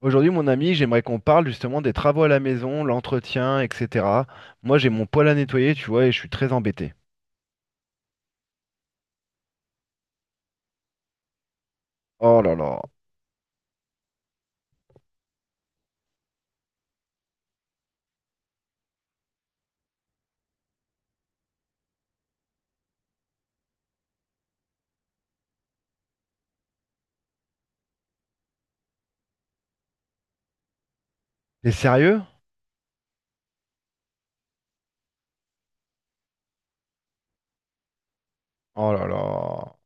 Aujourd'hui, mon ami, j'aimerais qu'on parle justement des travaux à la maison, l'entretien, etc. Moi, j'ai mon poêle à nettoyer, tu vois, et je suis très embêté. Oh là là. T'es sérieux? Oh là là.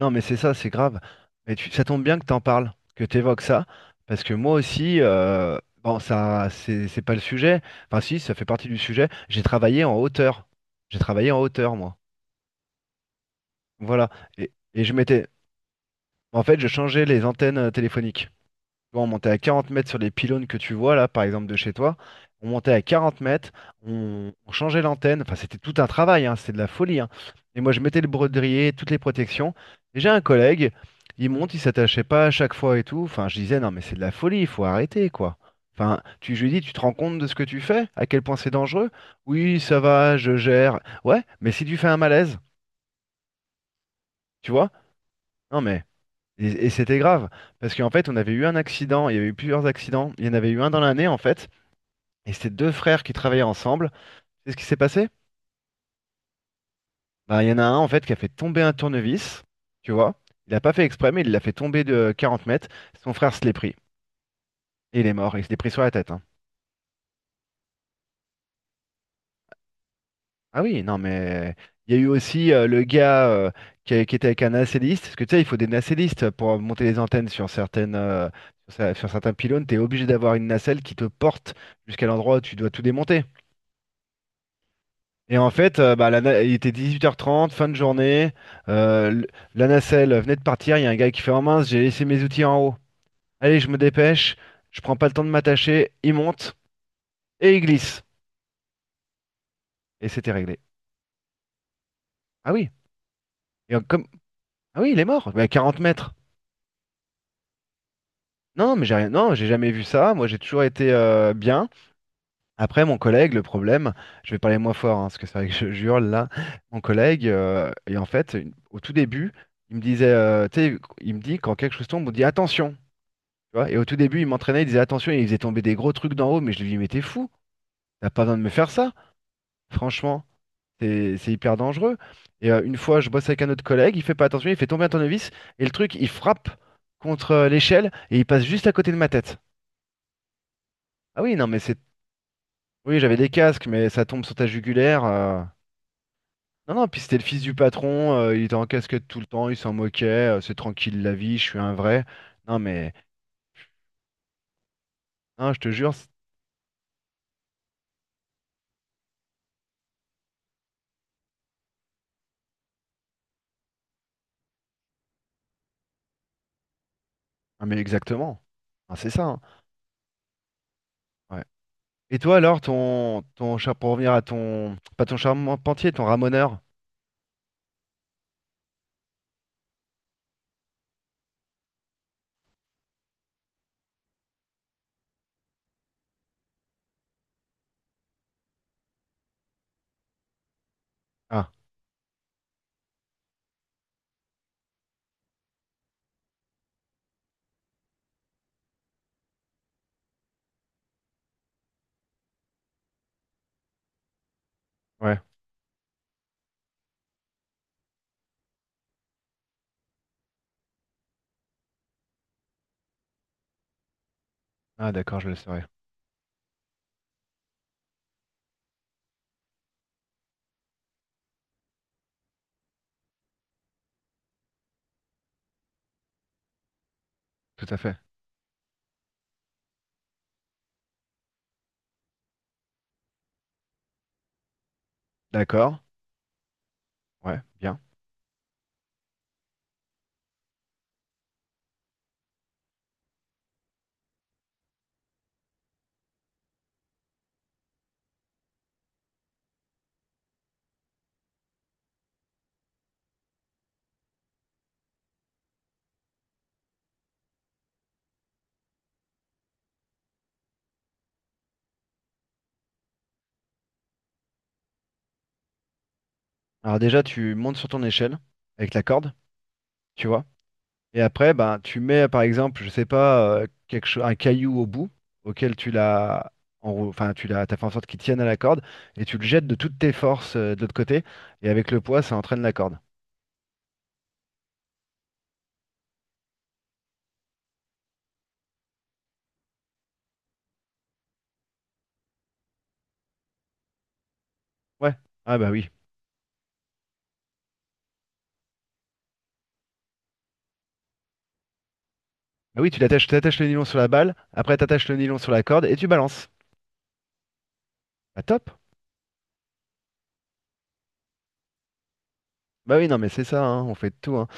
Non, mais c'est ça, c'est grave. Mais tu- ça tombe bien que t'en parles, que t'évoques ça, parce que moi aussi, bon, ça, c'est pas le sujet. Enfin, si, ça fait partie du sujet. J'ai travaillé en hauteur. J'ai travaillé en hauteur, moi. Voilà. Et je m'étais. En fait, je changeais les antennes téléphoniques. Tu vois, on montait à 40 mètres sur les pylônes que tu vois là, par exemple de chez toi. On montait à 40 mètres, on changeait l'antenne. Enfin, c'était tout un travail, hein, c'est de la folie, hein. Et moi, je mettais le brodrier, toutes les protections. Et j'ai un collègue, il monte, il s'attachait pas à chaque fois et tout. Enfin, je disais, non, mais c'est de la folie, il faut arrêter, quoi. Enfin, tu, je lui dis, tu te rends compte de ce que tu fais? À quel point c'est dangereux? Oui, ça va, je gère. Ouais, mais si tu fais un malaise, tu vois? Non, mais. Et c'était grave, parce qu'en fait, on avait eu un accident, il y avait eu plusieurs accidents, il y en avait eu un dans l'année, en fait, et c'était deux frères qui travaillaient ensemble. C'est ce qui s'est passé? Bah, il y en a un, en fait, qui a fait tomber un tournevis, tu vois. Il n'a pas fait exprès, mais il l'a fait tomber de 40 mètres. Son frère se l'est pris, et il est mort, il se l'est pris sur la tête, hein. Ah oui, non, mais il y a eu aussi le gars qui, qui était avec un nacelliste, parce que tu sais, il faut des nacellistes pour monter les antennes sur certaines, sur, sur certains pylônes, tu es obligé d'avoir une nacelle qui te porte jusqu'à l'endroit où tu dois tout démonter. Et en fait, bah, il était 18h30, fin de journée. euh, l- la nacelle venait de partir. Il y a un gars qui fait en mince, j'ai laissé mes outils en haut. Allez, je me dépêche. Je prends pas le temps de m'attacher. Il monte et il glisse. Et c'était réglé. Ah oui. Et en- comme… Ah oui, il est mort. Mais à 40 mètres. Non, mais j'ai rien. Non, j'ai jamais vu ça. Moi, j'ai toujours été bien. Après, mon collègue, le problème, je vais parler moins fort, hein, parce que c'est vrai que je jure là. Mon collègue, et en fait, au tout début, il me disait, tu sais, il me dit quand quelque chose tombe, on dit attention. Tu vois, et au tout début, il m'entraînait, il disait attention, il faisait tomber des gros trucs d'en haut, mais je lui dis mais t'es fou, t'as pas besoin de me faire ça, franchement, c'est hyper dangereux. Et une fois, je bosse avec un autre collègue, il fait pas attention, il fait tomber un tournevis, et le truc, il frappe contre l'échelle et il passe juste à côté de ma tête. Ah oui, non, mais c'est. Oui, j'avais des casques, mais ça tombe sur ta jugulaire. Non, non, puis c'était le fils du patron, il était en casquette tout le temps, il s'en moquait, c'est tranquille la vie, je suis un vrai. Non, mais. Non, je te jure, c'est- ah, mais exactement. Ah, c'est ça, hein. Ouais. Et toi alors, ton, ton char pour revenir à ton, pas ton charpentier, ton ramoneur? Ah, ouais. Ah, d'accord, je le saurais. Tout à fait. D'accord. Ouais, bien. Alors déjà, tu montes sur ton échelle avec la corde, tu vois. Et après, ben, tu mets, par exemple, je sais pas, un caillou au bout auquel tu l'as, enfin, tu l'as, t'as fait en sorte qu'il tienne à la corde et tu le jettes de toutes tes forces de l'autre côté et avec le poids, ça entraîne la corde. Ouais. Ah bah oui. Ah oui, tu l'attaches, t'attaches le nylon sur la balle, après t'attaches le nylon sur la corde et tu balances. Bah top. Bah oui, non, mais c'est ça, hein, on fait de tout, hein.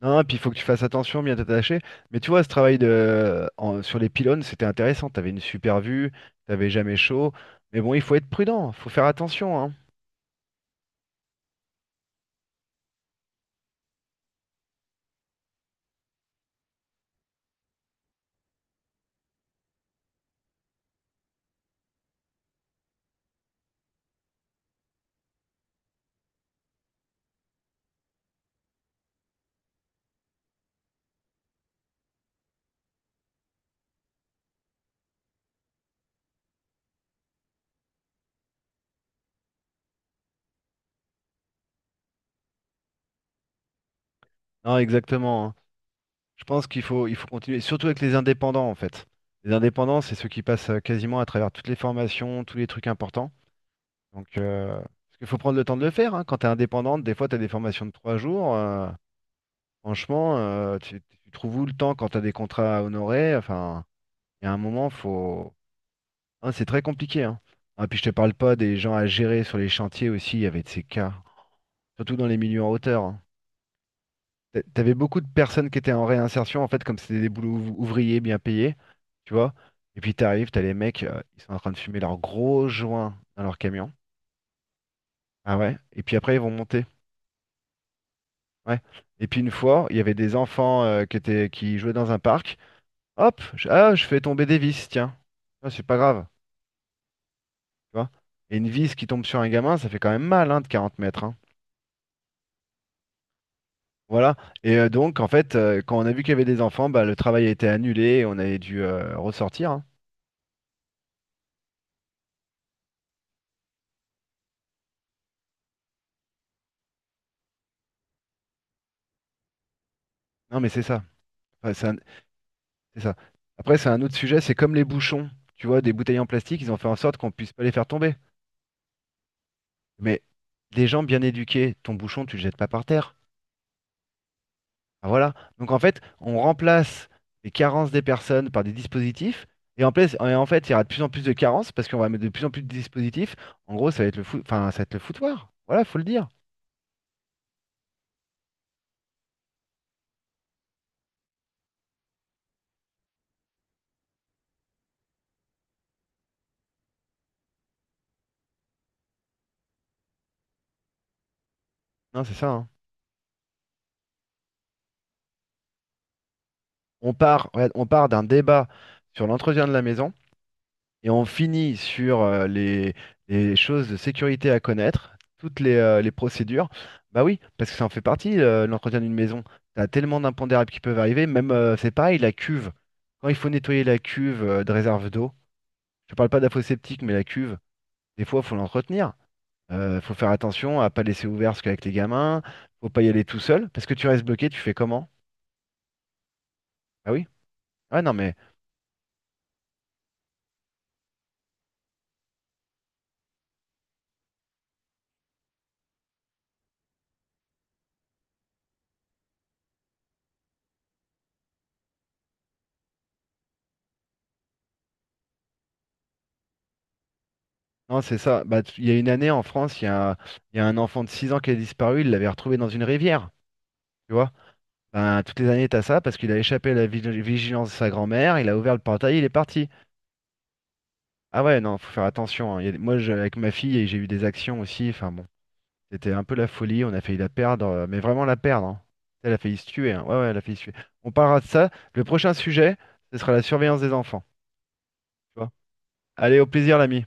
Non, puis il faut que tu fasses attention, bien t'attacher. Mais tu vois, ce travail de… en- sur les pylônes, c'était intéressant. T'avais une super vue, t'avais jamais chaud. Mais bon, il faut être prudent, faut faire attention, hein. Non, exactement, hein. Je pense qu'il faut, il faut continuer, surtout avec les indépendants, en fait. Les indépendants, c'est ceux qui passent quasiment à travers toutes les formations, tous les trucs importants. Donc, parce qu'il faut prendre le temps de le faire, hein. Quand t'es indépendante, des fois, t'as des formations de 3 jours. Franchement, tu, tu trouves où le temps quand tu as des contrats à honorer? Enfin, il y a un moment, faut. Hein, c'est très compliqué, hein. Ah, puis je te parle pas des gens à gérer sur les chantiers aussi, il y avait de ces cas, surtout dans les milieux en hauteur, hein. T'avais beaucoup de personnes qui étaient en réinsertion, en fait, comme c'était des boulots ouvriers bien payés, tu vois. Et puis t'arrives, t'as les mecs, ils sont en train de fumer leurs gros joints dans leur camion. Ah ouais? Et puis après, ils vont monter. Ouais. Et puis une fois, il y avait des enfants qui étaient, qui jouaient dans un parc. Hop, je, ah, je fais tomber des vis, tiens. Ah, c'est pas grave, tu vois. Et une vis qui tombe sur un gamin, ça fait quand même mal, hein, de 40 mètres, hein. Voilà. Et donc, en fait, quand on a vu qu'il y avait des enfants, bah, le travail a été annulé et on avait dû ressortir, hein. Non, mais c'est ça. Enfin, c'est un- c'est ça. Après, c'est un autre sujet, c'est comme les bouchons. Tu vois, des bouteilles en plastique, ils ont fait en sorte qu'on puisse pas les faire tomber. Mais des gens bien éduqués, ton bouchon, tu le jettes pas par terre. Ah, voilà. Donc en fait, on remplace les carences des personnes par des dispositifs. Et en place et en fait, il y aura de plus en plus de carences parce qu'on va mettre de plus en plus de dispositifs. En gros, ça va être enfin, ça va être le foutoir. Voilà, faut le dire. Non, c'est ça, hein. On part, regarde, on part d'un débat sur l'entretien de la maison, et on finit sur les choses de sécurité à connaître, toutes les procédures, bah oui, parce que ça en fait partie, l'entretien d'une maison. T'as tellement d'impondérables qui peuvent arriver, même c'est pareil, la cuve. Quand il faut nettoyer la cuve de réserve d'eau, je parle pas de la fosse septique, mais la cuve, des fois, faut l'entretenir. Faut faire attention à pas laisser ouvert parce qu'avec les gamins, faut pas y aller tout seul, parce que tu restes bloqué, tu fais comment? Ah oui? Ah non, mais non, c'est ça. Bah, tu- il y a une année en France, il y a un enfant de 6 ans qui a disparu, il l'avait retrouvé dans une rivière. Tu vois? Ben, toutes les années, t'as ça parce qu'il a échappé à la vigilance de sa grand-mère, il a ouvert le portail, il est parti. Ah ouais, non, faut faire attention, hein. Il y a des- moi, je- avec ma fille, j'ai eu des actions aussi. Enfin bon, c'était un peu la folie. On a failli la perdre, mais vraiment la perdre, hein. Elle a failli se tuer, hein. Ouais, ouais, elle a failli se tuer. On parlera de ça. Le prochain sujet, ce sera la surveillance des enfants. Tu vois? Allez, au plaisir, l'ami.